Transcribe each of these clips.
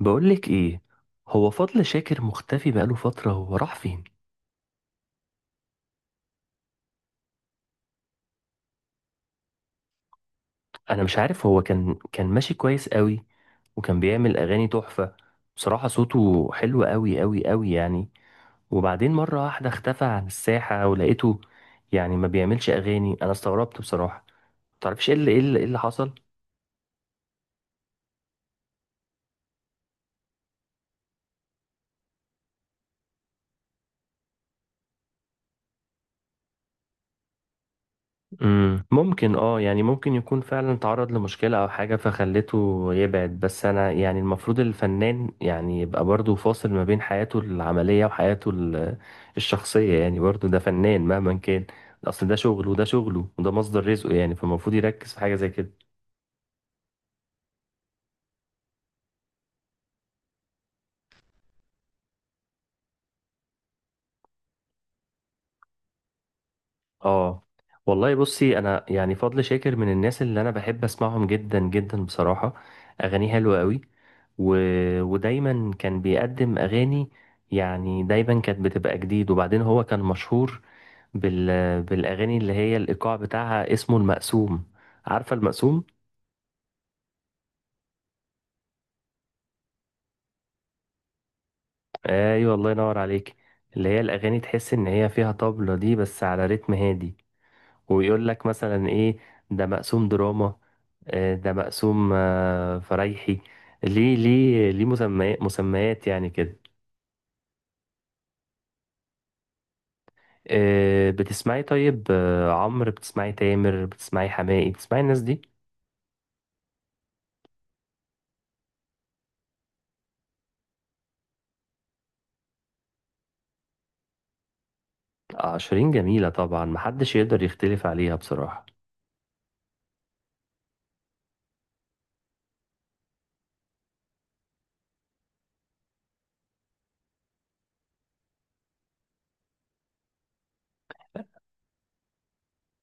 بقولك ايه؟ هو فضل شاكر مختفي بقاله فترة، هو راح فين؟ انا مش عارف، هو كان ماشي كويس قوي، وكان بيعمل اغاني تحفة. بصراحة صوته حلو قوي قوي قوي يعني. وبعدين مرة واحدة اختفى عن الساحة، ولقيته يعني ما بيعملش اغاني. انا استغربت بصراحة. متعرفش ايه اللي ايه اللي إيه اللي حصل؟ ممكن، اه يعني ممكن يكون فعلا تعرض لمشكلة او حاجة فخلته يبعد. بس انا يعني المفروض الفنان يعني يبقى برضو فاصل ما بين حياته العملية وحياته الشخصية، يعني برضو ده فنان مهما كان. اصل ده شغله وده شغله وده مصدر رزقه، يعني فالمفروض يركز في حاجة زي كده. اه والله بصي، انا يعني فضل شاكر من الناس اللي انا بحب اسمعهم جدا جدا بصراحة. اغانيه حلوة قوي و... ودايما كان بيقدم اغاني، يعني دايما كانت بتبقى جديد. وبعدين هو كان مشهور بال... بالاغاني اللي هي الايقاع بتاعها اسمه المقسوم. عارفة المقسوم؟ ايوه، الله ينور عليك. اللي هي الاغاني تحس ان هي فيها طبلة دي بس على رتم هادي، ويقول لك مثلا ايه، ده مقسوم دراما، آه، ده مقسوم فرايحي. ليه مسميات مسميات يعني كده. بتسمعي؟ طيب عمرو، بتسمعي تامر، بتسمعي حماقي، بتسمعي الناس دي؟ آه، شيرين جميلة طبعا، محدش يقدر يختلف عليها بصراحة.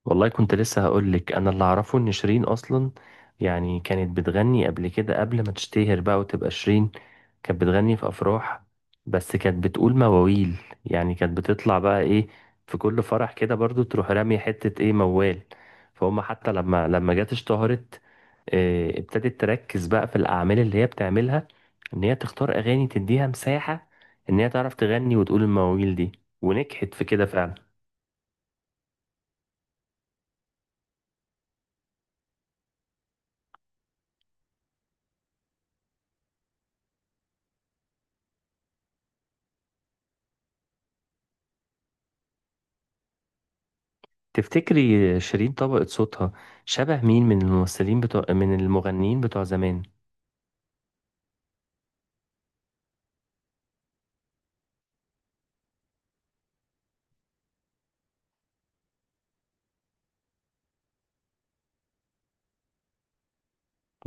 والله كنت لسه هقولك، انا اللي اعرفه ان شيرين اصلا يعني كانت بتغني قبل كده، قبل ما تشتهر بقى وتبقى شيرين. كانت بتغني في افراح، بس كانت بتقول مواويل. يعني كانت بتطلع بقى ايه، في كل فرح كده برضو تروح رامية حتة ايه، موال. فهم حتى لما جت اشتهرت، ابتدت تركز بقى في الأعمال اللي هي بتعملها، إن هي تختار أغاني تديها مساحة، إن هي تعرف تغني وتقول المواويل دي، ونجحت في كده فعلا. تفتكري شيرين طبقت صوتها شبه مين، من الممثلين بتوع، من المغنيين بتوع زمان؟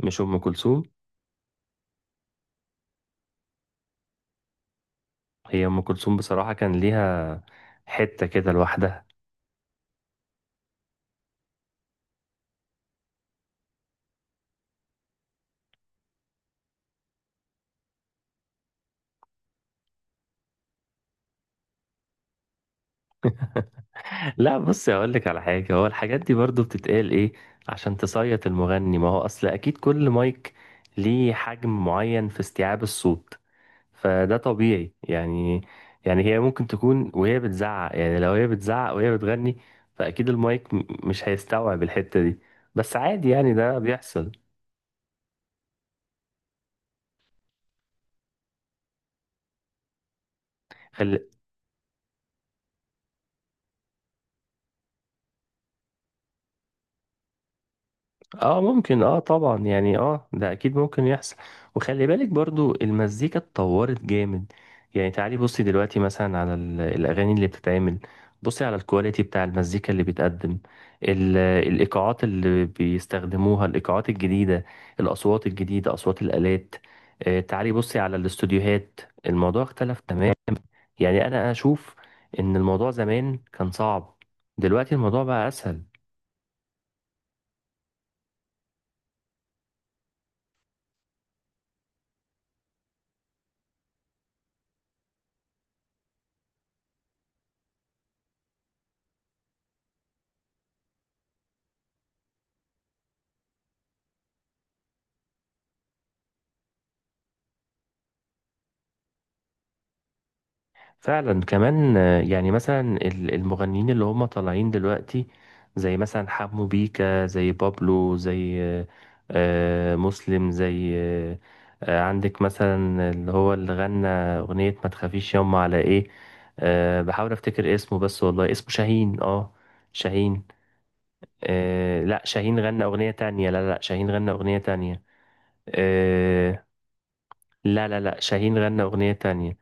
مش أم كلثوم؟ هي أم كلثوم بصراحة كان ليها حتة كده لوحدها. لا بصي، هقول لك على حاجة. هو الحاجات دي برضو بتتقال إيه، عشان تصيط المغني. ما هو أصل أكيد كل مايك ليه حجم معين في استيعاب الصوت، فده طبيعي يعني. يعني هي ممكن تكون وهي بتزعق، يعني لو هي بتزعق وهي بتغني، فأكيد المايك مش هيستوعب الحتة دي. بس عادي يعني، ده بيحصل. خلي اه، ممكن اه، طبعا يعني ده اكيد ممكن يحصل. وخلي بالك برضو المزيكا اتطورت جامد. يعني تعالي بصي دلوقتي مثلا على الاغاني اللي بتتعمل، بصي على الكواليتي بتاع المزيكا اللي بيتقدم، ال- الايقاعات اللي بيستخدموها، الايقاعات الجديدة، الاصوات الجديدة، اصوات الالات. تعالي بصي على الاستوديوهات، الموضوع اختلف تماما. يعني انا اشوف ان الموضوع زمان كان صعب، دلوقتي الموضوع بقى اسهل. فعلا كمان يعني مثلا المغنيين اللي هم طالعين دلوقتي، زي مثلا حمو بيكا، زي بابلو، زي مسلم، زي عندك مثلا اللي هو اللي غنى أغنية ما تخافيش يوم على ايه. آه، بحاول افتكر اسمه، بس والله اسمه شاهين، اه شاهين. آه، لا شاهين غنى أغنية تانية. لا لا لا، شاهين غنى أغنية تانية. آه، لا لا لا شاهين غنى أغنية تانية،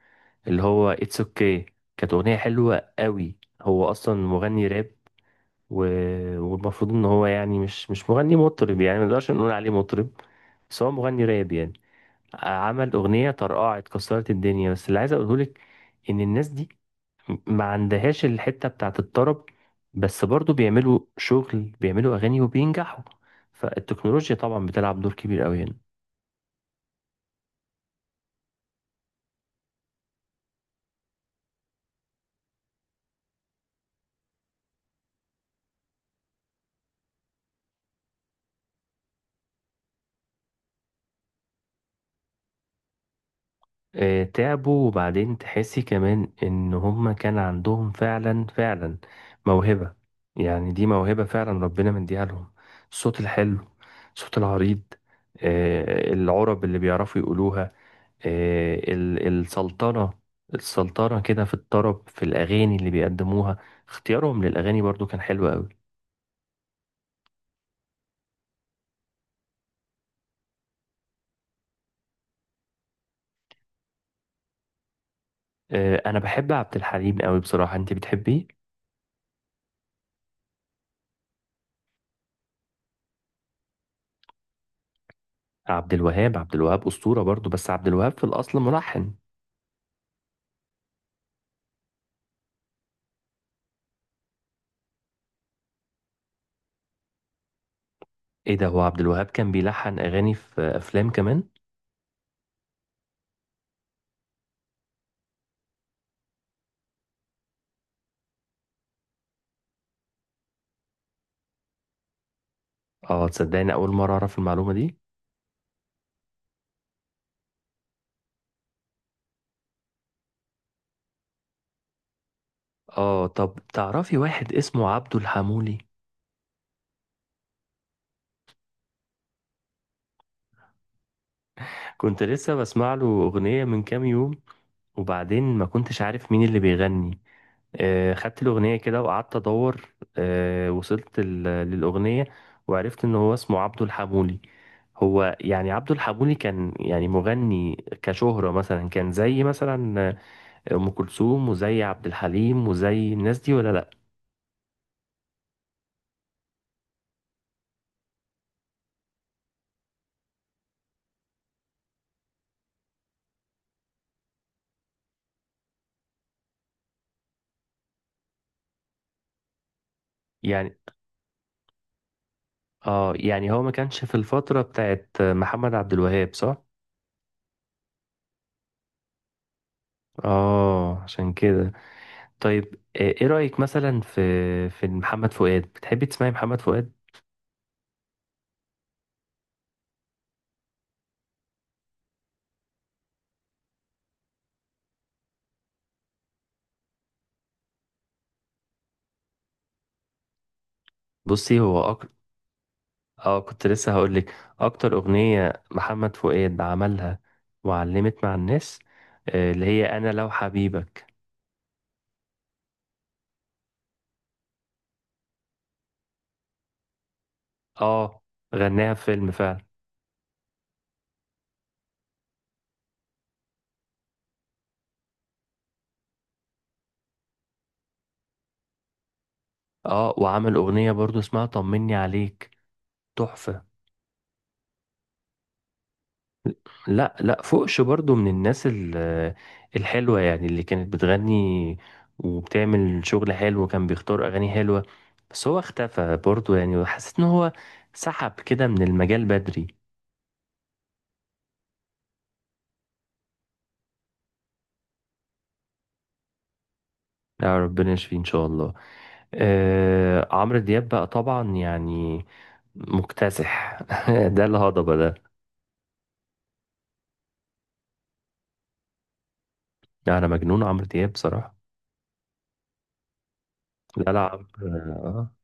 اللي هو اتس اوكي. كانت اغنيه حلوه قوي، هو اصلا مغني راب و... والمفروض ان هو يعني مش مغني مطرب، يعني ما نقدرش نقول عليه مطرب، بس هو مغني راب يعني. عمل اغنيه طرقعت كسرت الدنيا. بس اللي عايز اقوله لك ان الناس دي ما عندهاش الحته بتاعت الطرب، بس برضو بيعملوا شغل، بيعملوا اغاني وبينجحوا. فالتكنولوجيا طبعا بتلعب دور كبير قوي هنا. آه، تعبوا. وبعدين تحسي كمان ان هما كان عندهم فعلا فعلا موهبة. يعني دي موهبة فعلا ربنا مديها لهم، الصوت الحلو، الصوت العريض، آه، العرب اللي بيعرفوا يقولوها، آه، السلطنة. السلطنة كده في الطرب، في الأغاني اللي بيقدموها، اختيارهم للأغاني برضو كان حلو قوي. آه، أنا بحب عبد الحليم قوي بصراحة. أنت بتحبيه؟ عبد الوهاب، عبد الوهاب أسطورة برضو، بس عبد الوهاب في الأصل ملحن. إيه ده، هو عبد الوهاب كان بيلحن أغاني في أفلام كمان؟ آه تصدقني أول مرة أعرف المعلومة دي؟ آه طب تعرفي واحد اسمه عبده الحمولي؟ كنت لسه بسمع له أغنية من كام يوم، وبعدين ما كنتش عارف مين اللي بيغني. خدت الأغنية كده وقعدت أدور، وصلت للأغنية، وعرفت إن هو اسمه عبده الحمولي. هو يعني عبده الحمولي كان يعني مغني، كشهرة مثلا كان زي مثلا أم كلثوم وزي عبد الحليم وزي الناس دي، ولا لأ؟ يعني اه يعني هو ما كانش في الفترة بتاعت محمد عبد الوهاب، صح؟ اه عشان كده. طيب ايه رأيك مثلا في محمد فؤاد؟ بتحبي تسمعي محمد فؤاد؟ بصي هو اه كنت لسه هقول لك، اكتر أغنية محمد فؤاد عملها وعلمت مع الناس، آه، اللي هي انا لو حبيبك. اه غناها في فيلم فعلا. اه وعمل أغنية برضو اسمها طمني عليك، تحفة. لا لا فوقش برضو، من الناس الحلوة يعني، اللي كانت بتغني وبتعمل شغل حلو وكان بيختار أغاني حلوة. بس هو اختفى برضو يعني، وحسيت إن هو سحب كده من المجال بدري. لا، ربنا يشفيه إن شاء الله. آه عمرو دياب بقى طبعا، يعني مكتسح. ده الهضبة ده، أنا مجنون عمرو دياب بصراحة. لا لا، عمرو آه.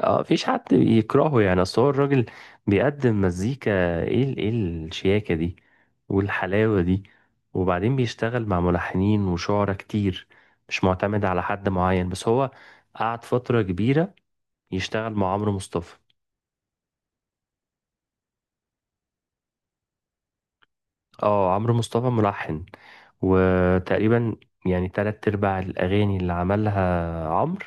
اه مفيش حد يكرهه يعني، اصل هو الراجل بيقدم مزيكا. ايه الشياكة دي والحلاوة دي؟ وبعدين بيشتغل مع ملحنين وشعراء كتير، مش معتمد على حد معين، بس هو قعد فترة كبيرة يشتغل مع عمرو مصطفى. اه عمرو مصطفى ملحن. وتقريبا يعني تلات ارباع الاغاني اللي عملها عمرو،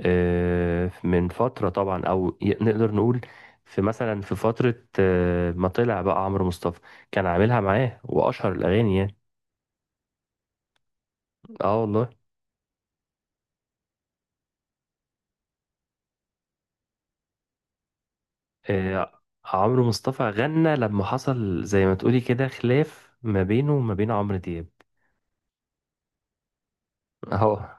آه، من فترة طبعا، أو نقدر نقول في مثلا، في فترة ما طلع بقى عمرو مصطفى، كان عاملها معاه، وأشهر الأغاني يعني. اه والله. آه، عمرو مصطفى غنى لما حصل زي ما تقولي كده خلاف ما بينه وما بين عمرو دياب. اه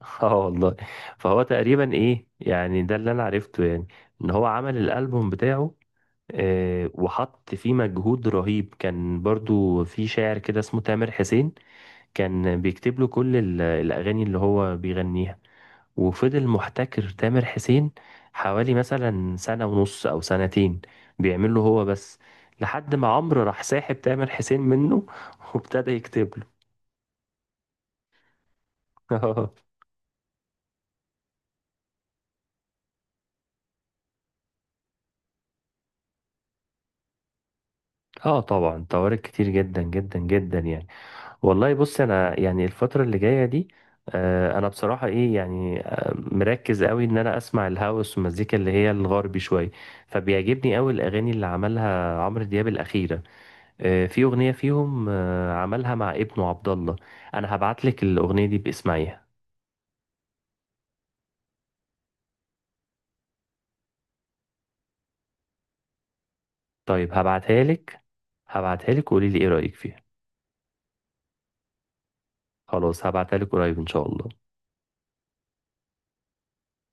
اه والله. فهو تقريبا ايه يعني، ده اللي انا عرفته يعني، ان هو عمل الالبوم بتاعه، آه، وحط فيه مجهود رهيب. كان برضو في شاعر كده اسمه تامر حسين، كان بيكتب له كل الأغاني اللي هو بيغنيها. وفضل محتكر تامر حسين حوالي مثلا سنة ونص أو سنتين، بيعمل له هو بس، لحد ما عمرو راح ساحب تامر حسين منه وابتدى يكتب له. اه طبعا، طوارئ كتير جدا جدا جدا يعني. والله بص، انا يعني الفترة اللي جاية دي، انا بصراحة ايه يعني، مركز قوي ان انا اسمع الهاوس والمزيكا اللي هي الغربي شوية. فبيعجبني قوي الاغاني اللي عملها عمرو دياب الأخيرة. آه، في أغنية فيهم عملها مع ابنه عبد الله. أنا هبعت لك الأغنية دي، باسمعيها. طيب هبعتها لك. هبعتها لك وقولي لي إيه رأيك فيها. خلاص هبعتها لك قريب إن شاء الله.